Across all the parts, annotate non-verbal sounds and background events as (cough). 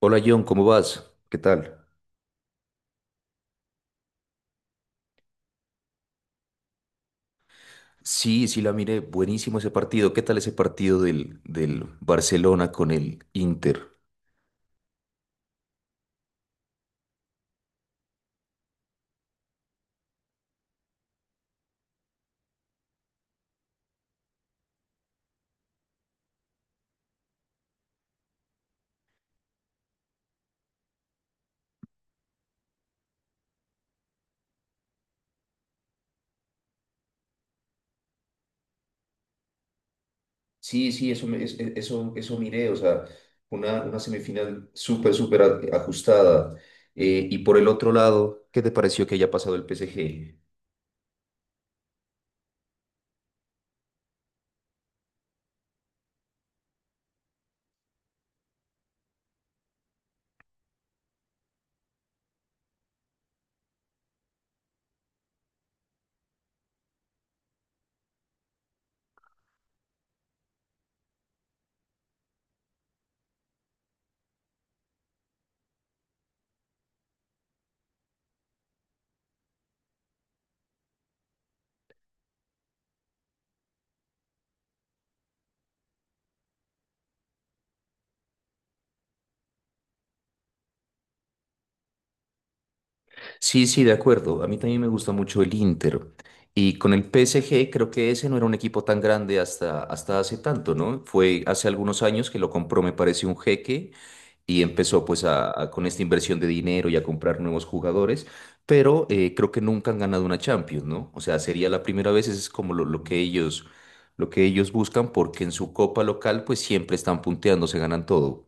Hola John, ¿cómo vas? ¿Qué tal? Sí, sí la miré, buenísimo ese partido. ¿Qué tal ese partido del Barcelona con el Inter? Sí, sí, eso, eso miré, o sea, una semifinal súper ajustada. Y por el otro lado, ¿qué te pareció que haya pasado el PSG? Sí, sí, de acuerdo. A mí también me gusta mucho el Inter. Y con el PSG creo que ese no era un equipo tan grande hasta hace tanto, ¿no? Fue hace algunos años que lo compró, me parece, un jeque. Y empezó pues con esta inversión de dinero y a comprar nuevos jugadores, pero creo que nunca han ganado una Champions, ¿no? O sea, sería la primera vez, eso es como lo que ellos buscan, porque en su copa local pues siempre están punteando, se ganan todo.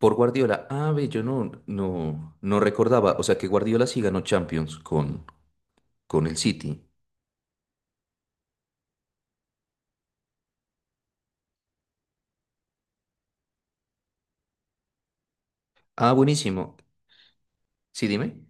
Por Guardiola, ah, ve, yo no recordaba, o sea que Guardiola sí ganó Champions con el City. Ah, buenísimo. Sí, dime.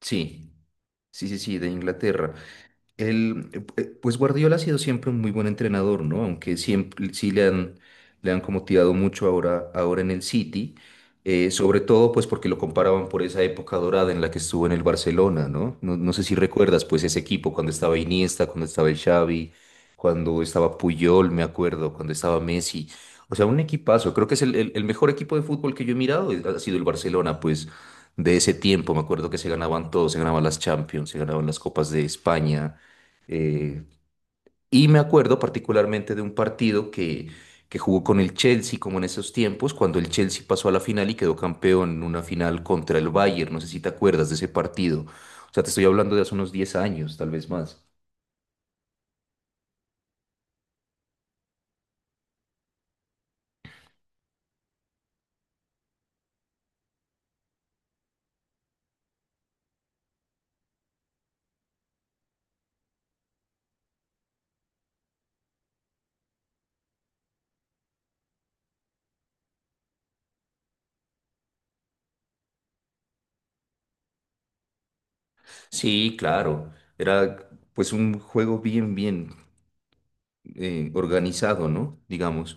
Sí, sí, de Inglaterra. Él, pues Guardiola ha sido siempre un muy buen entrenador, ¿no? Aunque siempre le han como tirado mucho ahora en el City, sobre todo pues porque lo comparaban por esa época dorada en la que estuvo en el Barcelona, ¿no? No sé si recuerdas pues ese equipo cuando estaba Iniesta, cuando estaba el Xavi, cuando estaba Puyol, me acuerdo, cuando estaba Messi. O sea, un equipazo. Creo que es el mejor equipo de fútbol que yo he mirado, ha sido el Barcelona, pues de ese tiempo. Me acuerdo que se ganaban todo, se ganaban las Champions, se ganaban las Copas de España. Eh, y me acuerdo particularmente de un partido que jugó con el Chelsea, como en esos tiempos, cuando el Chelsea pasó a la final y quedó campeón en una final contra el Bayern. No sé si te acuerdas de ese partido. O sea, te estoy hablando de hace unos diez años, tal vez más. Sí, claro. Era pues un juego bien organizado, ¿no? Digamos.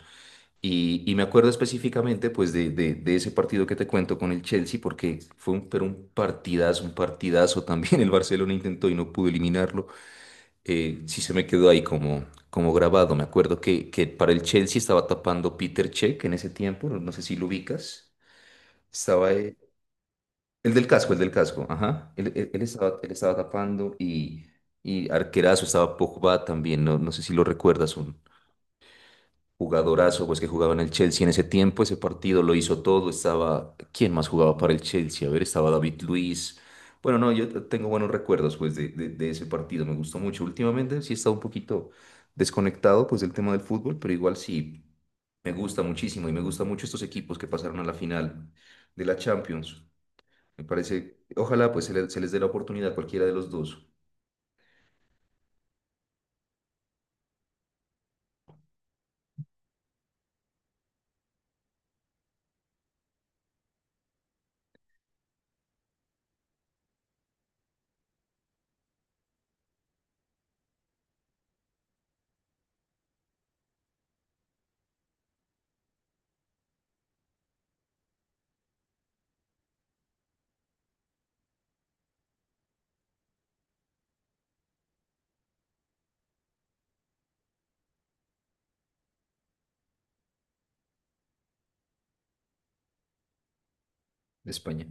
Y me acuerdo específicamente pues de ese partido que te cuento con el Chelsea porque fue un, pero un partidazo también. (laughs) El Barcelona intentó y no pudo eliminarlo. Sí se me quedó ahí como, como grabado. Me acuerdo que para el Chelsea estaba tapando Peter Cech en ese tiempo, no sé si lo ubicas. Estaba el del casco, ajá. Él estaba tapando y arquerazo estaba Pogba también, no sé si lo recuerdas. Un, jugadorazo, pues que jugaba en el Chelsea en ese tiempo, ese partido lo hizo todo, estaba, ¿quién más jugaba para el Chelsea? A ver, estaba David Luiz. Bueno, no, tengo buenos recuerdos pues de ese partido, me gustó mucho. Últimamente sí he estado un poquito desconectado pues del tema del fútbol, pero igual sí, me gusta muchísimo y me gustan mucho estos equipos que pasaron a la final de la Champions. Me parece, ojalá pues se les dé la oportunidad a cualquiera de los dos de España.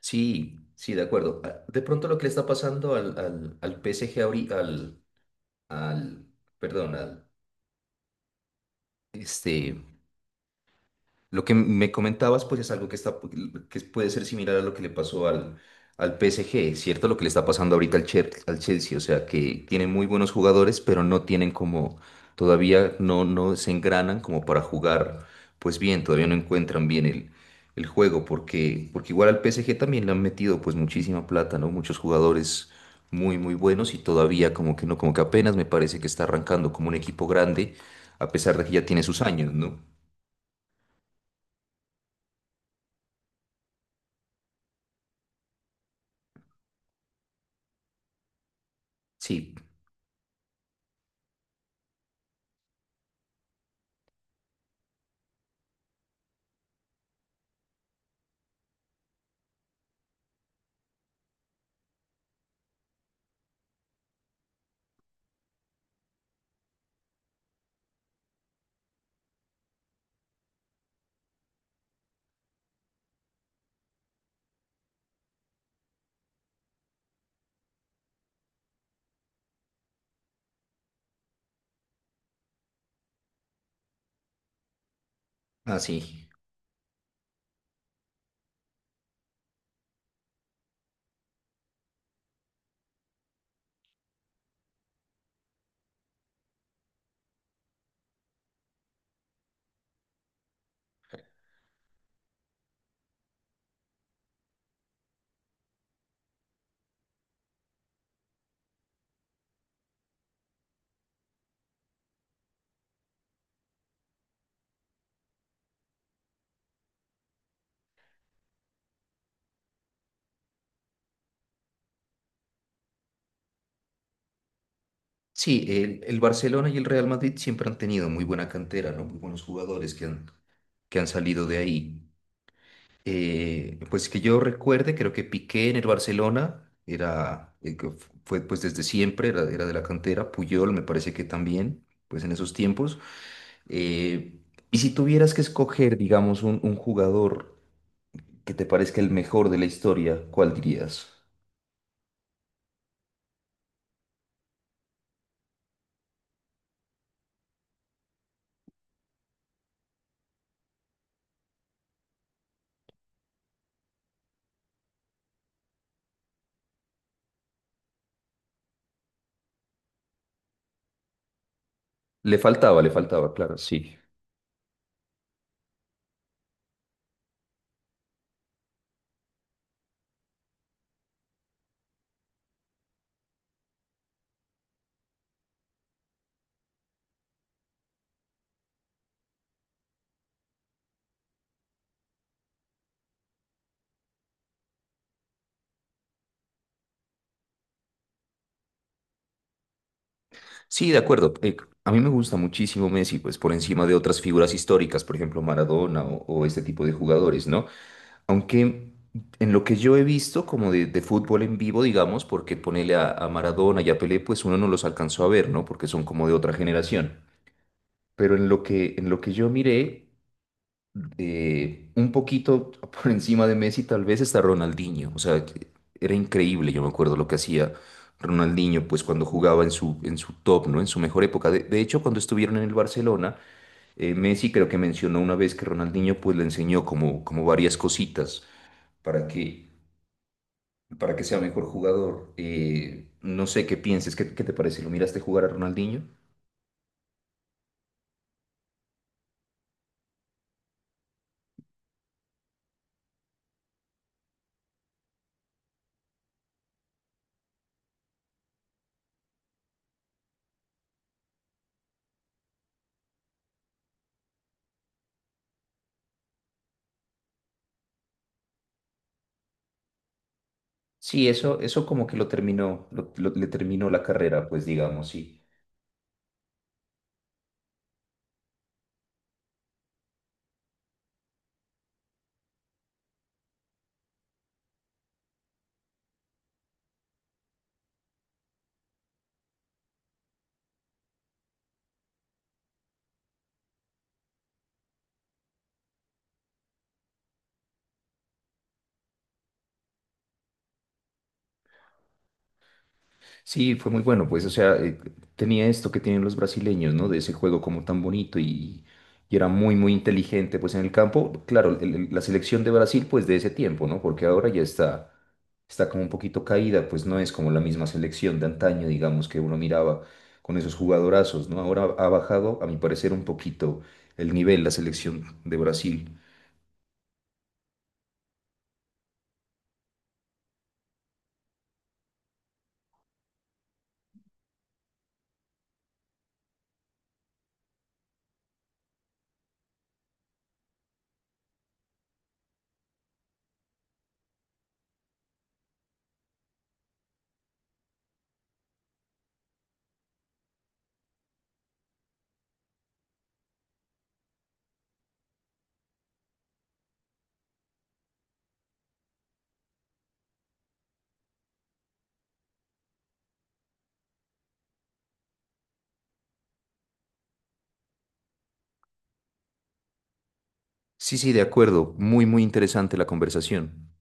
Sí, sí, de acuerdo. Ah, de pronto lo que le está pasando al PSG ahorita, al, perdón, este, lo que me comentabas, pues es algo que está, que puede ser similar a lo que le pasó al PSG, ¿cierto? Lo que le está pasando ahorita al Chelsea, o sea, que tienen muy buenos jugadores, pero no tienen como, todavía no se engranan como para jugar, pues bien, todavía no encuentran bien el juego, porque igual al PSG también le han metido pues muchísima plata, ¿no? Muchos jugadores muy buenos y todavía como que no, como que apenas me parece que está arrancando como un equipo grande, a pesar de que ya tiene sus años, ¿no? Sí. Ah, sí. Sí, el Barcelona y el Real Madrid siempre han tenido muy buena cantera, ¿no? Muy buenos jugadores que han salido de ahí. Pues que yo recuerde, creo que Piqué en el Barcelona fue pues desde siempre, era de la cantera. Puyol me parece que también, pues en esos tiempos. Eh, y si tuvieras que escoger, digamos, un jugador que te parezca el mejor de la historia, ¿cuál dirías? Le faltaba, claro, sí. Sí, de acuerdo. A mí me gusta muchísimo Messi, pues por encima de otras figuras históricas, por ejemplo Maradona o este tipo de jugadores, ¿no? Aunque en lo que yo he visto como de fútbol en vivo, digamos, porque ponele a Maradona y a Pelé, pues uno no los alcanzó a ver, ¿no? Porque son como de otra generación. Pero en lo que yo miré, un poquito (laughs) por encima de Messi tal vez está Ronaldinho. O sea, que era increíble, yo me acuerdo lo que hacía Ronaldinho, pues cuando jugaba en su top, ¿no? En su mejor época. De hecho, cuando estuvieron en el Barcelona, Messi creo que mencionó una vez que Ronaldinho pues le enseñó como, como varias cositas para que, para que sea mejor jugador. No sé qué pienses, ¿qué, qué te parece? ¿Lo miraste jugar a Ronaldinho? Sí, eso como que lo terminó, le terminó la carrera, pues digamos, sí. Sí, fue muy bueno, pues, o sea, tenía esto que tienen los brasileños, ¿no? De ese juego como tan bonito y era muy inteligente, pues, en el campo. Claro, la selección de Brasil, pues, de ese tiempo, ¿no? Porque ahora ya está, está como un poquito caída, pues, no es como la misma selección de antaño, digamos, que uno miraba con esos jugadorazos, ¿no? Ahora ha bajado, a mi parecer, un poquito el nivel, la selección de Brasil. Sí, sí, de acuerdo, muy interesante la conversación.